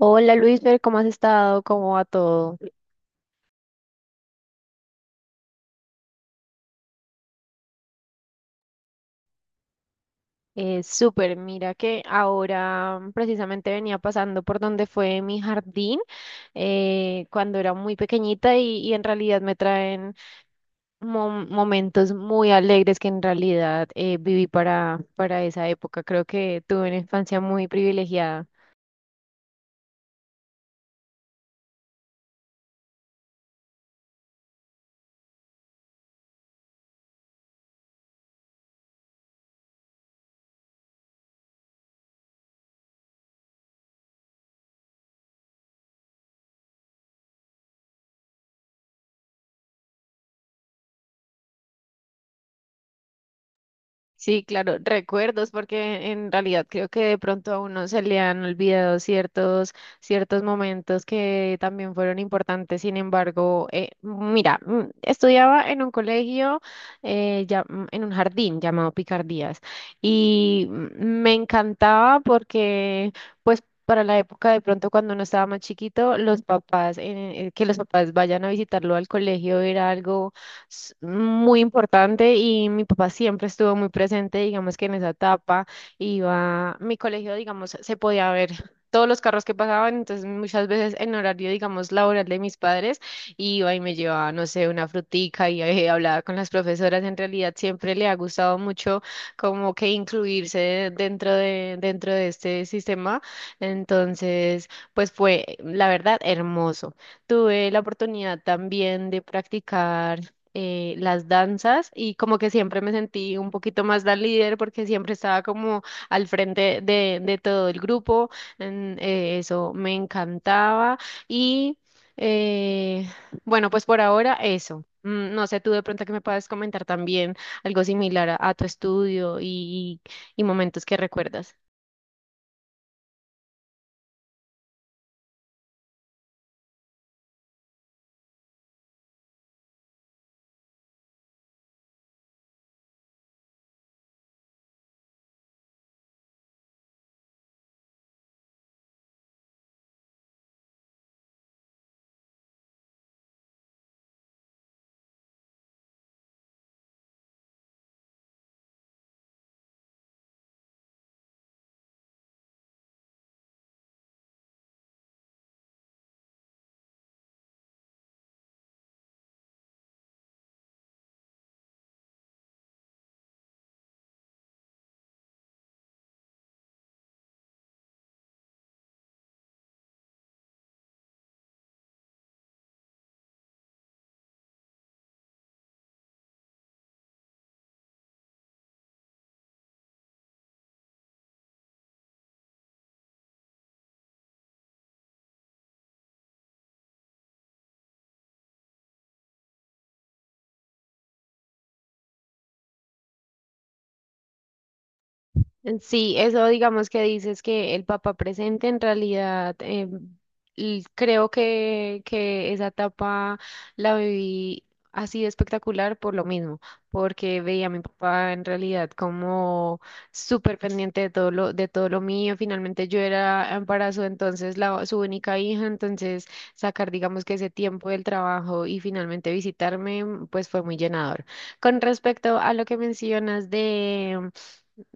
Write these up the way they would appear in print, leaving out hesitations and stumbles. Hola Luisfer, ¿cómo has estado? ¿Cómo va todo? Súper, mira que ahora precisamente venía pasando por donde fue mi jardín cuando era muy pequeñita y en realidad me traen momentos muy alegres que en realidad viví para esa época. Creo que tuve una infancia muy privilegiada. Sí, claro, recuerdos, porque en realidad creo que de pronto a uno se le han olvidado ciertos momentos que también fueron importantes. Sin embargo, mira, estudiaba en un colegio, en un jardín llamado Picardías, y me encantaba porque, pues, para la época de pronto cuando uno estaba más chiquito, los papás, que los papás vayan a visitarlo al colegio era algo muy importante y mi papá siempre estuvo muy presente, digamos que en esa etapa iba, mi colegio, digamos, se podía ver todos los carros que pasaban, entonces muchas veces en horario, digamos, laboral de mis padres, iba y me llevaba, no sé, una frutica y hablaba con las profesoras. En realidad siempre le ha gustado mucho como que incluirse dentro de este sistema. Entonces, pues fue, la verdad, hermoso. Tuve la oportunidad también de practicar las danzas y como que siempre me sentí un poquito más la líder porque siempre estaba como al frente de todo el grupo. Eso me encantaba y eh, bueno, pues por ahora eso. Mm, no sé, tú de pronto que me puedas comentar también algo similar a tu estudio y momentos que recuerdas. Sí, eso digamos que dices que el papá presente en realidad creo que esa etapa la viví así de espectacular por lo mismo, porque veía a mi papá en realidad como súper pendiente de de todo lo mío. Finalmente yo era embarazo, entonces la, su única hija, entonces sacar digamos que ese tiempo del trabajo y finalmente visitarme pues fue muy llenador. Con respecto a lo que mencionas de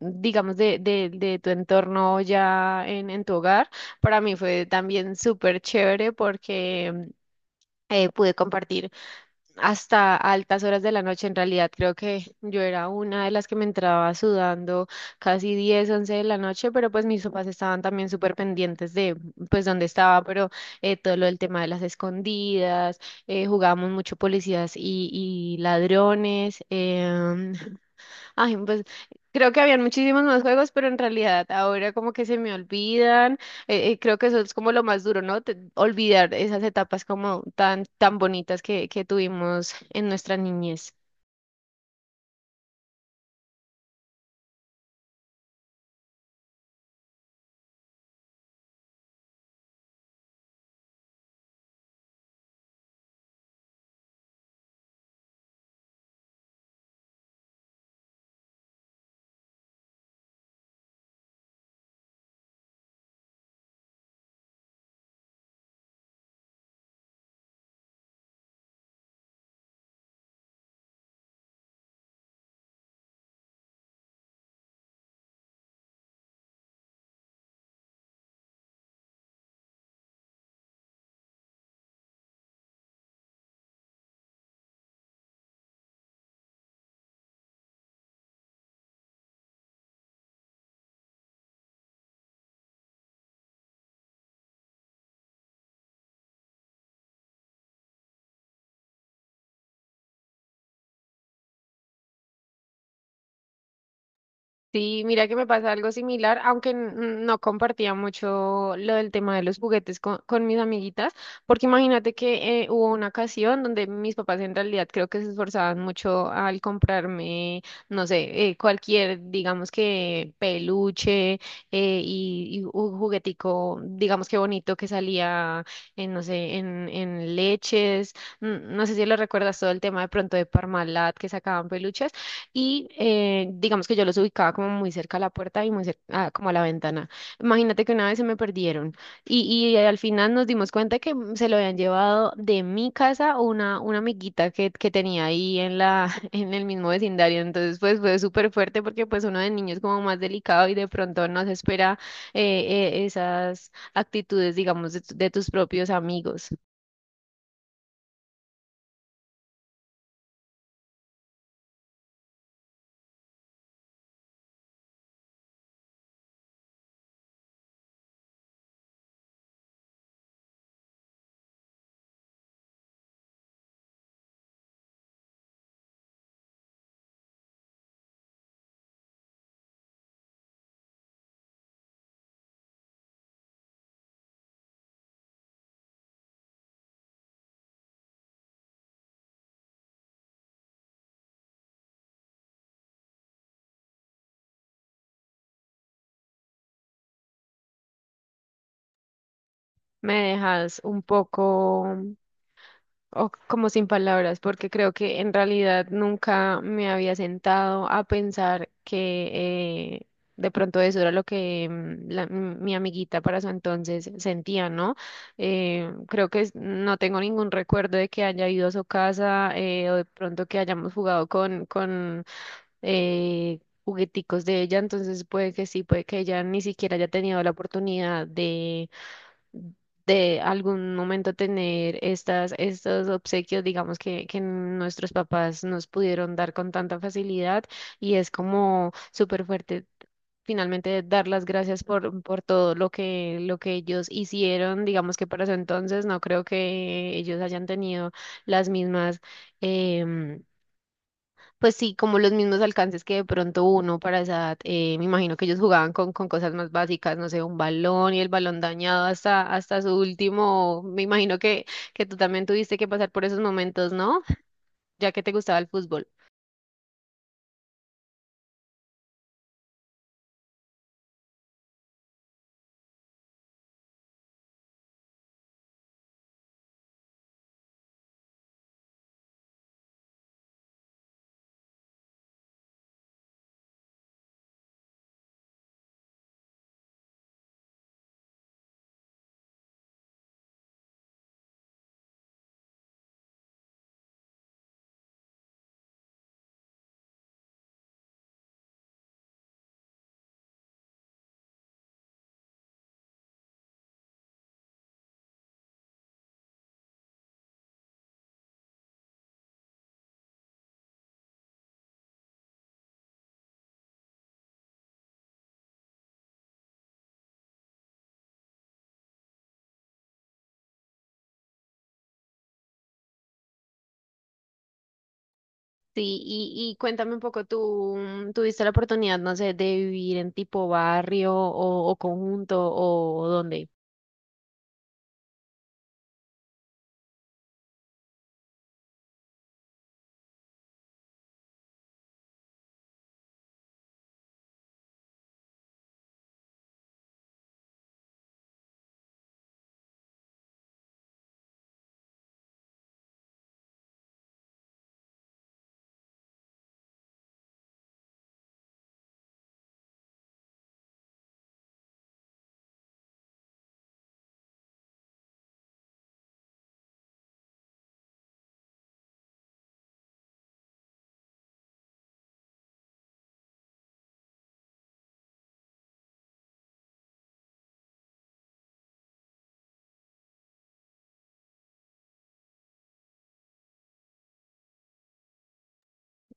digamos, de tu entorno ya en tu hogar. Para mí fue también súper chévere porque pude compartir hasta altas horas de la noche. En realidad, creo que yo era una de las que me entraba sudando casi 10 u 11 de la noche, pero pues mis papás estaban también súper pendientes de, pues, dónde estaba, pero todo lo del tema de las escondidas, jugábamos mucho policías y ladrones. Ay, pues creo que habían muchísimos más juegos, pero en realidad ahora como que se me olvidan. Creo que eso es como lo más duro, ¿no? Olvidar esas etapas como tan bonitas que tuvimos en nuestra niñez. Sí, mira que me pasa algo similar, aunque no compartía mucho lo del tema de los juguetes con mis amiguitas, porque imagínate que hubo una ocasión donde mis papás en realidad creo que se esforzaban mucho al comprarme, no sé, cualquier, digamos que peluche y un juguetico, digamos que bonito que salía en, no sé, en leches, no sé si lo recuerdas todo el tema de pronto de Parmalat que sacaban peluches. Y digamos que yo los ubicaba como muy cerca a la puerta y muy cerca, ah, como a la ventana. Imagínate que una vez se me perdieron y al final nos dimos cuenta que se lo habían llevado de mi casa una amiguita que tenía ahí en la, en el mismo vecindario. Entonces pues fue súper fuerte porque pues uno de niño es como más delicado y de pronto no se espera eh, esas actitudes, digamos, de tus propios amigos. Me dejas un poco o como sin palabras, porque creo que en realidad nunca me había sentado a pensar que de pronto eso era lo que mi amiguita para su entonces sentía, ¿no? Creo que no tengo ningún recuerdo de que haya ido a su casa o de pronto que hayamos jugado con eh, jugueticos de ella, entonces puede que sí, puede que ella ni siquiera haya tenido la oportunidad de algún momento tener estos obsequios, digamos, que nuestros papás nos pudieron dar con tanta facilidad y es como súper fuerte. Finalmente, dar las gracias por todo lo que ellos hicieron. Digamos que para ese entonces no creo que ellos hayan tenido las mismas, em, pues sí, como los mismos alcances que de pronto uno para esa edad, me imagino que ellos jugaban con cosas más básicas, no sé, un balón y el balón dañado hasta su último, me imagino que tú también tuviste que pasar por esos momentos, ¿no? Ya que te gustaba el fútbol. Sí, y cuéntame un poco, ¿tú tuviste la oportunidad, no sé, de vivir en tipo barrio o conjunto o dónde?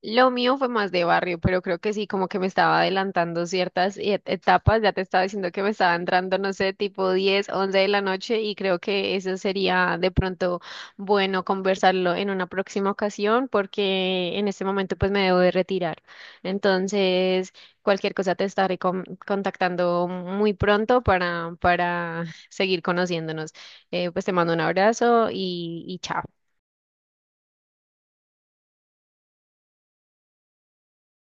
Lo mío fue más de barrio, pero creo que sí, como que me estaba adelantando ciertas etapas. Ya te estaba diciendo que me estaba entrando, no sé, tipo 10, 11 de la noche y creo que eso sería de pronto bueno conversarlo en una próxima ocasión porque en este momento pues me debo de retirar. Entonces, cualquier cosa te estaré contactando muy pronto para seguir conociéndonos. Pues te mando un abrazo y chao.